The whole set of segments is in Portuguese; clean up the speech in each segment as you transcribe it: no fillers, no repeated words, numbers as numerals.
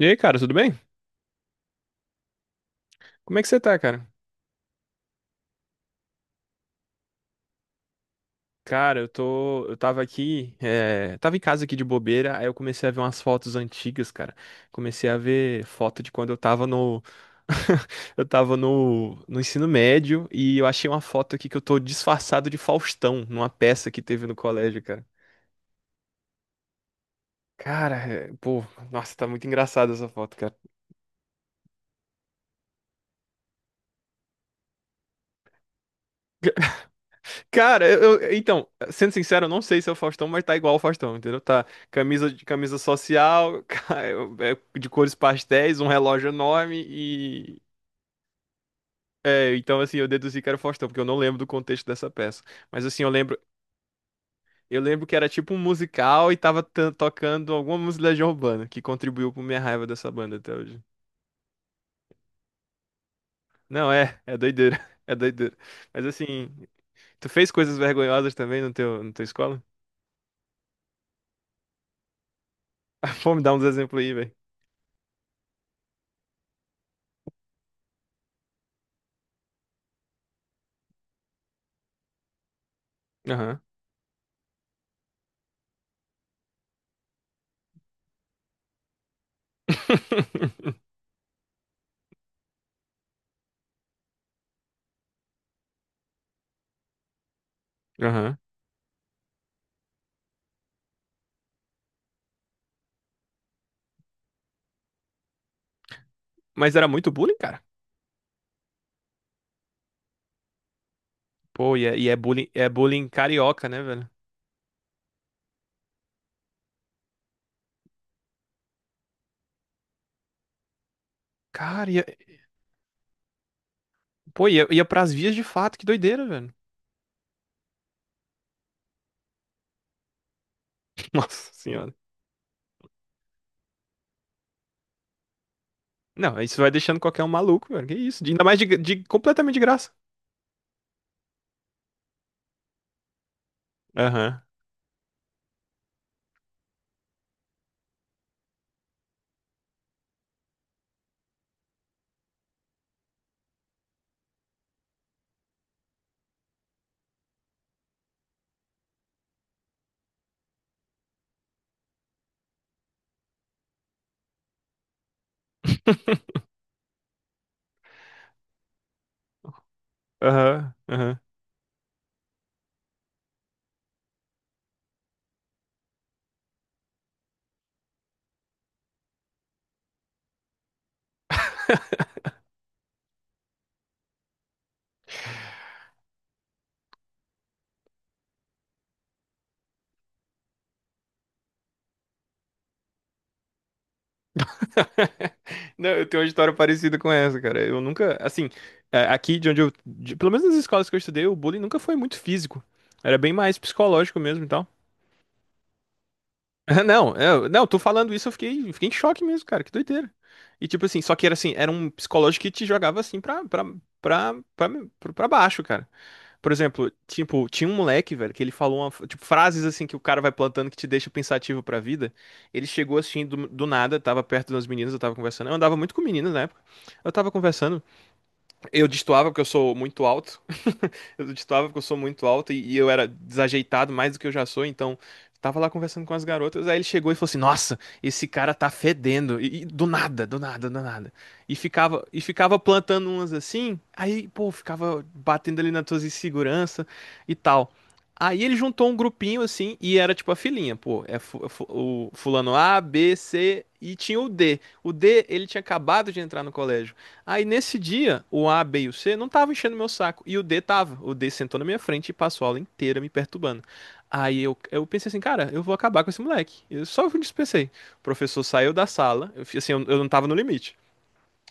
E aí, cara, tudo bem? Como é que você tá, cara? Cara, eu tô. Eu tava aqui. É, tava em casa aqui de bobeira, aí eu comecei a ver umas fotos antigas, cara. Comecei a ver foto de quando eu tava no. Eu tava no ensino médio e eu achei uma foto aqui que eu tô disfarçado de Faustão, numa peça que teve no colégio, cara. Cara, é, pô, nossa, tá muito engraçada essa foto, cara. Cara, então, sendo sincero, eu não sei se é o Faustão, mas tá igual o Faustão, entendeu? Tá camisa de camisa social, é, de cores pastéis, um relógio enorme e é, então assim, eu deduzi que era o Faustão, porque eu não lembro do contexto dessa peça. Mas assim, eu lembro que era tipo um musical e tava tocando alguma música de Legião Urbana, que contribuiu pra minha raiva dessa banda até hoje. Não, é, é doideira, é doideira. Mas assim, tu fez coisas vergonhosas também no teu, na tua escola? Pô, me dar uns exemplos aí, velho. Aham. Mas era muito bullying, cara. Pô, e é bullying carioca, né, velho? Cara, ia, pô, ia pras vias de fato, que doideira, velho. Nossa senhora. Não, isso vai deixando qualquer um maluco, velho. Que isso? Ainda mais completamente de graça. Aham. Aham, aham. Não, eu tenho uma história parecida com essa, cara. Eu nunca, assim, é, aqui de onde eu, pelo menos nas escolas que eu estudei, o bullying nunca foi muito físico. Era bem mais psicológico mesmo. Ah, não, eu, não, tô falando isso, eu fiquei em choque mesmo, cara, que doideira. E tipo assim, só que era assim, era um psicológico que te jogava assim pra, pra, pra baixo, cara. Por exemplo, tipo, tinha um moleque, velho, que ele falou uma, tipo, frases assim que o cara vai plantando que te deixa pensativo pra vida. Ele chegou assim do nada, tava perto de umas meninas, eu tava conversando. Eu andava muito com meninas na época. Eu tava conversando, eu destoava porque eu sou muito alto. Eu destoava porque eu sou muito alto e eu era desajeitado mais do que eu já sou, então tava lá conversando com as garotas, aí ele chegou e falou assim: "Nossa, esse cara tá fedendo". E do nada, do nada, do nada. E ficava plantando umas assim, aí, pô, ficava batendo ali nas tuas inseguranças e tal. Aí ele juntou um grupinho assim e era tipo a filinha, pô, o fulano A, B, C e tinha o D. O D, ele tinha acabado de entrar no colégio. Aí nesse dia, o A, B e o C não estavam enchendo meu saco. E o D tava. O D sentou na minha frente e passou a aula inteira me perturbando. Aí eu pensei assim, cara, eu vou acabar com esse moleque. Eu dispensei. O professor saiu da sala, eu, assim, eu não tava no limite.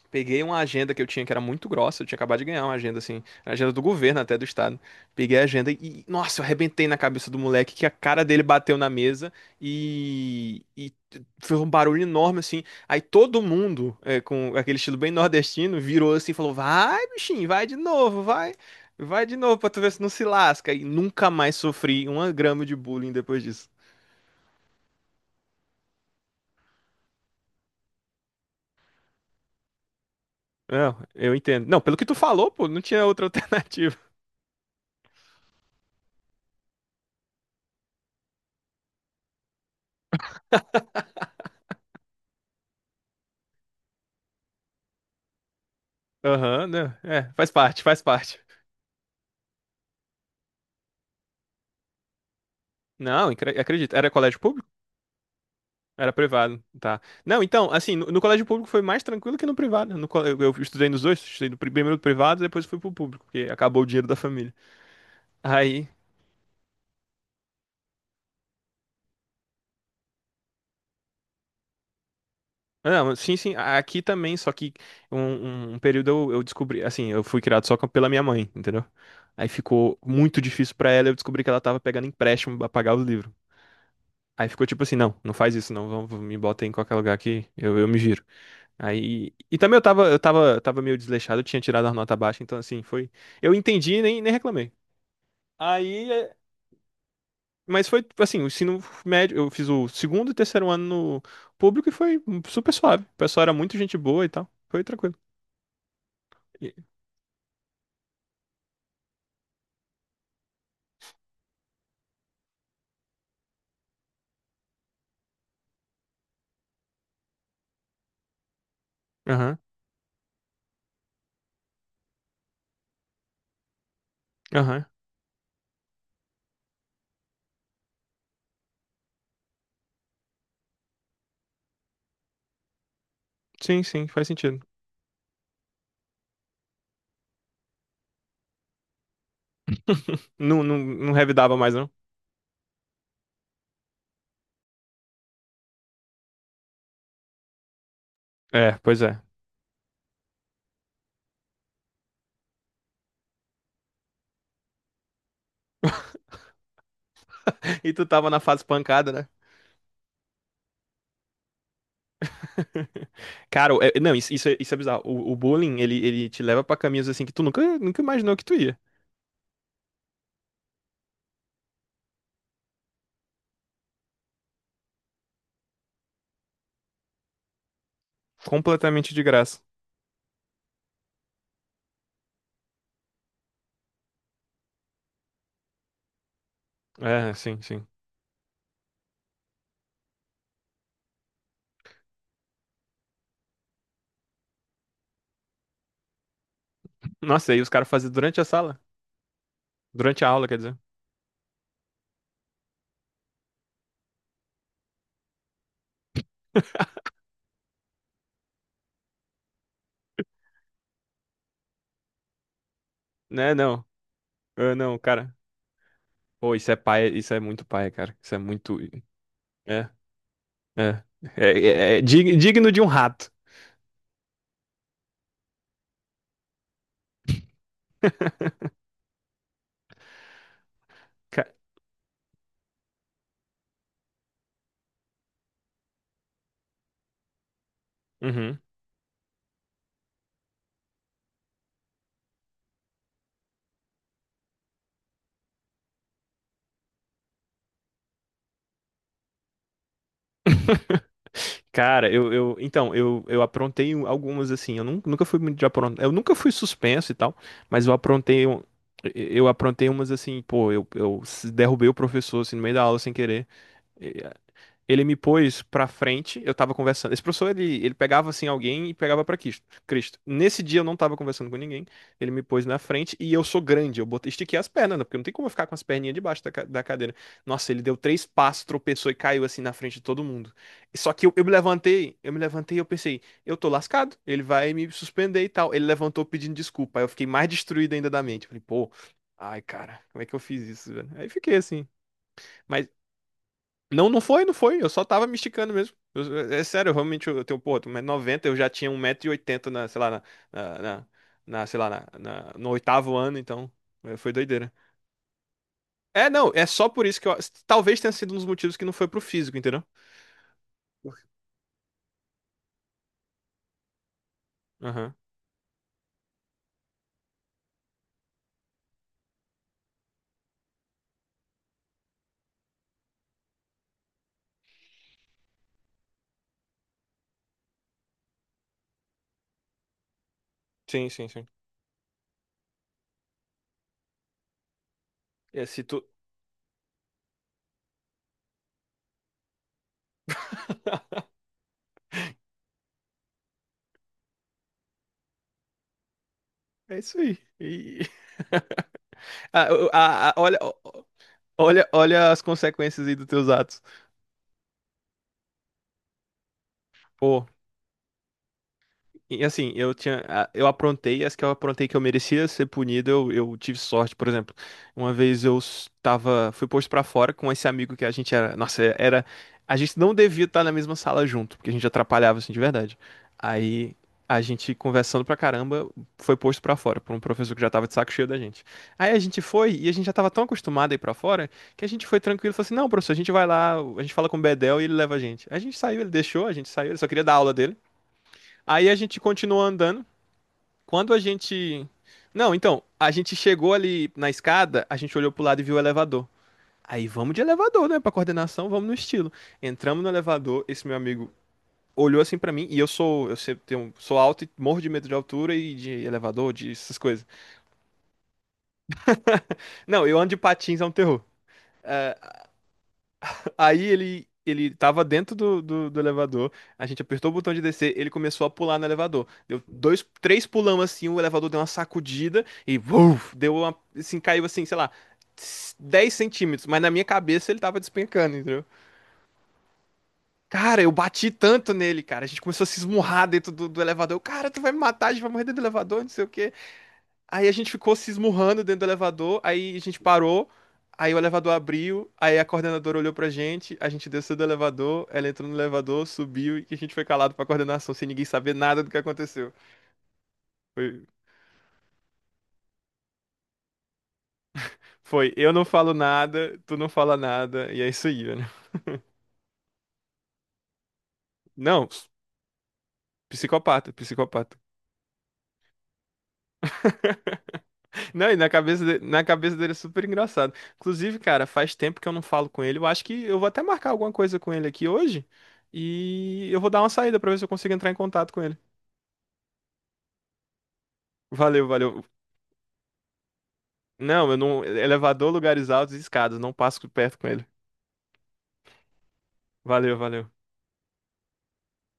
Peguei uma agenda que eu tinha que era muito grossa, eu tinha acabado de ganhar uma agenda assim, a agenda do governo até do estado. Peguei a agenda e, nossa, eu arrebentei na cabeça do moleque que a cara dele bateu na mesa e foi um barulho enorme assim. Aí todo mundo, é, com aquele estilo bem nordestino, virou assim e falou: Vai, bichinho, vai de novo, vai, vai de novo pra tu ver se não se lasca. E nunca mais sofri uma grama de bullying depois disso. Não, eu entendo. Não, pelo que tu falou, pô, não tinha outra alternativa. Aham, né? É, faz parte, faz parte. Não, acredito. Era colégio público? Era privado, tá. Não, então, assim, no colégio público foi mais tranquilo que no privado. No, eu estudei nos dois, estudei no primeiro no privado, depois fui pro público, porque acabou o dinheiro da família. Aí, não, sim, sim, aqui também, só que um, um período eu descobri, assim, eu fui criado só pela minha mãe, entendeu? Aí ficou muito difícil pra ela, eu descobri que ela tava pegando empréstimo pra pagar o livro. Aí ficou tipo assim, não, não faz isso não, vamos, me bota em qualquer lugar aqui, eu me giro. Aí, e também tava meio desleixado, eu tinha tirado a nota baixa, então assim, foi, eu entendi e nem, nem reclamei. Aí, é, mas foi assim, o ensino médio, eu fiz o segundo e terceiro ano no público e foi super suave. O pessoal era muito gente boa e tal, foi tranquilo. E- Aham, aham. Sim, sim, faz sentido. Não, não, não revidava mais, não. É, pois é. E tu tava na fase pancada, né? Cara, não, isso, isso é bizarro. O bullying, ele te leva pra caminhos assim que tu nunca, nunca imaginou que tu ia. Completamente de graça. É, sim, sim. Nossa, e aí os caras faziam durante a sala? Durante a aula, quer dizer. Né, não. Ah, não, cara. Pô, isso é paia, isso é muito paia, cara. Isso é muito. É, é. É, é digno de um rato. Ca- Uhum. Cara, eu, eu. Então, eu aprontei algumas assim. Eu nunca fui muito de aprontar. Eu nunca fui suspenso e tal, mas eu aprontei. Eu aprontei umas assim, pô, eu, derrubei o professor assim, no meio da aula sem querer. Ele me pôs pra frente, eu tava conversando. Esse professor, ele pegava assim alguém e pegava pra Cristo. Cristo. Nesse dia eu não tava conversando com ninguém, ele me pôs na frente e eu sou grande, eu botei, estiquei as pernas, né? Porque não tem como eu ficar com as perninhas debaixo da cadeira. Nossa, ele deu três passos, tropeçou e caiu assim na frente de todo mundo. Só que eu me levantei e eu pensei, eu tô lascado, ele vai me suspender e tal. Ele levantou pedindo desculpa, aí eu fiquei mais destruído ainda da mente. Falei, pô, ai cara, como é que eu fiz isso, velho? Aí fiquei assim. Mas não, não foi, não foi. Eu só tava me esticando mesmo. É sério, eu realmente eu tenho, pô, 1,90 m, eu já tinha 1,80 m na, sei lá, na, na- na, sei lá, no oitavo ano, então é, foi doideira. É, não, é só por isso que eu, talvez tenha sido um dos motivos que não foi pro físico, entendeu? Aham. Sim, sim, sim. É, se tu... É isso aí. Ah, olha, olha, olha as consequências aí dos teus atos. Pô. E assim, eu tinha, eu aprontei, as que eu aprontei que eu merecia ser punido, eu tive sorte, por exemplo. Uma vez tava, fui posto pra fora com esse amigo que a gente era, nossa, é, era, a gente não devia estar na mesma sala junto, porque a gente atrapalhava assim de verdade. Aí a gente conversando pra caramba, foi posto pra fora por um professor que já tava de saco cheio da gente. Aí a gente foi e a gente já tava tão acostumado a ir pra fora que a gente foi tranquilo, falou assim: "Não, professor, a gente vai lá, a gente fala com o Bedel e ele leva a gente". A gente saiu, ele deixou, a gente saiu, ele só queria dar aula dele. Aí a gente continuou andando. Quando a gente. Não, então, a gente chegou ali na escada, a gente olhou pro lado e viu o elevador. Aí vamos de elevador, né? Pra coordenação, vamos no estilo. Entramos no elevador, esse meu amigo olhou assim pra mim, e eu sou, eu sempre sou alto e morro de medo de altura e de elevador, de essas coisas. Não, eu ando de patins, é um terror. Aí ele tava dentro do elevador, a gente apertou o botão de descer, ele começou a pular no elevador. Deu dois, três pulão assim, o elevador deu uma sacudida e vuf, deu uma, assim, caiu assim, sei lá, 10 cm, mas na minha cabeça ele tava despencando, entendeu? Cara, eu bati tanto nele, cara. A gente começou a se esmurrar dentro do elevador. Eu, cara, tu vai me matar, a gente vai morrer dentro do elevador, não sei o quê. Aí a gente ficou se esmurrando dentro do elevador, aí a gente parou, aí o elevador abriu, aí a coordenadora olhou pra gente, a gente desceu do elevador, ela entrou no elevador, subiu e a gente foi calado pra coordenação, sem ninguém saber nada do que aconteceu. Foi, foi, eu não falo nada, tu não fala nada, e é isso aí, né? Não, psicopata, psicopata. Não, e na cabeça, na cabeça dele é super engraçado. Inclusive, cara, faz tempo que eu não falo com ele. Eu acho que eu vou até marcar alguma coisa com ele aqui hoje. E eu vou dar uma saída pra ver se eu consigo entrar em contato com ele. Valeu, valeu. Não, eu não. Elevador, lugares altos e escadas. Não passo perto com ele. Valeu, valeu.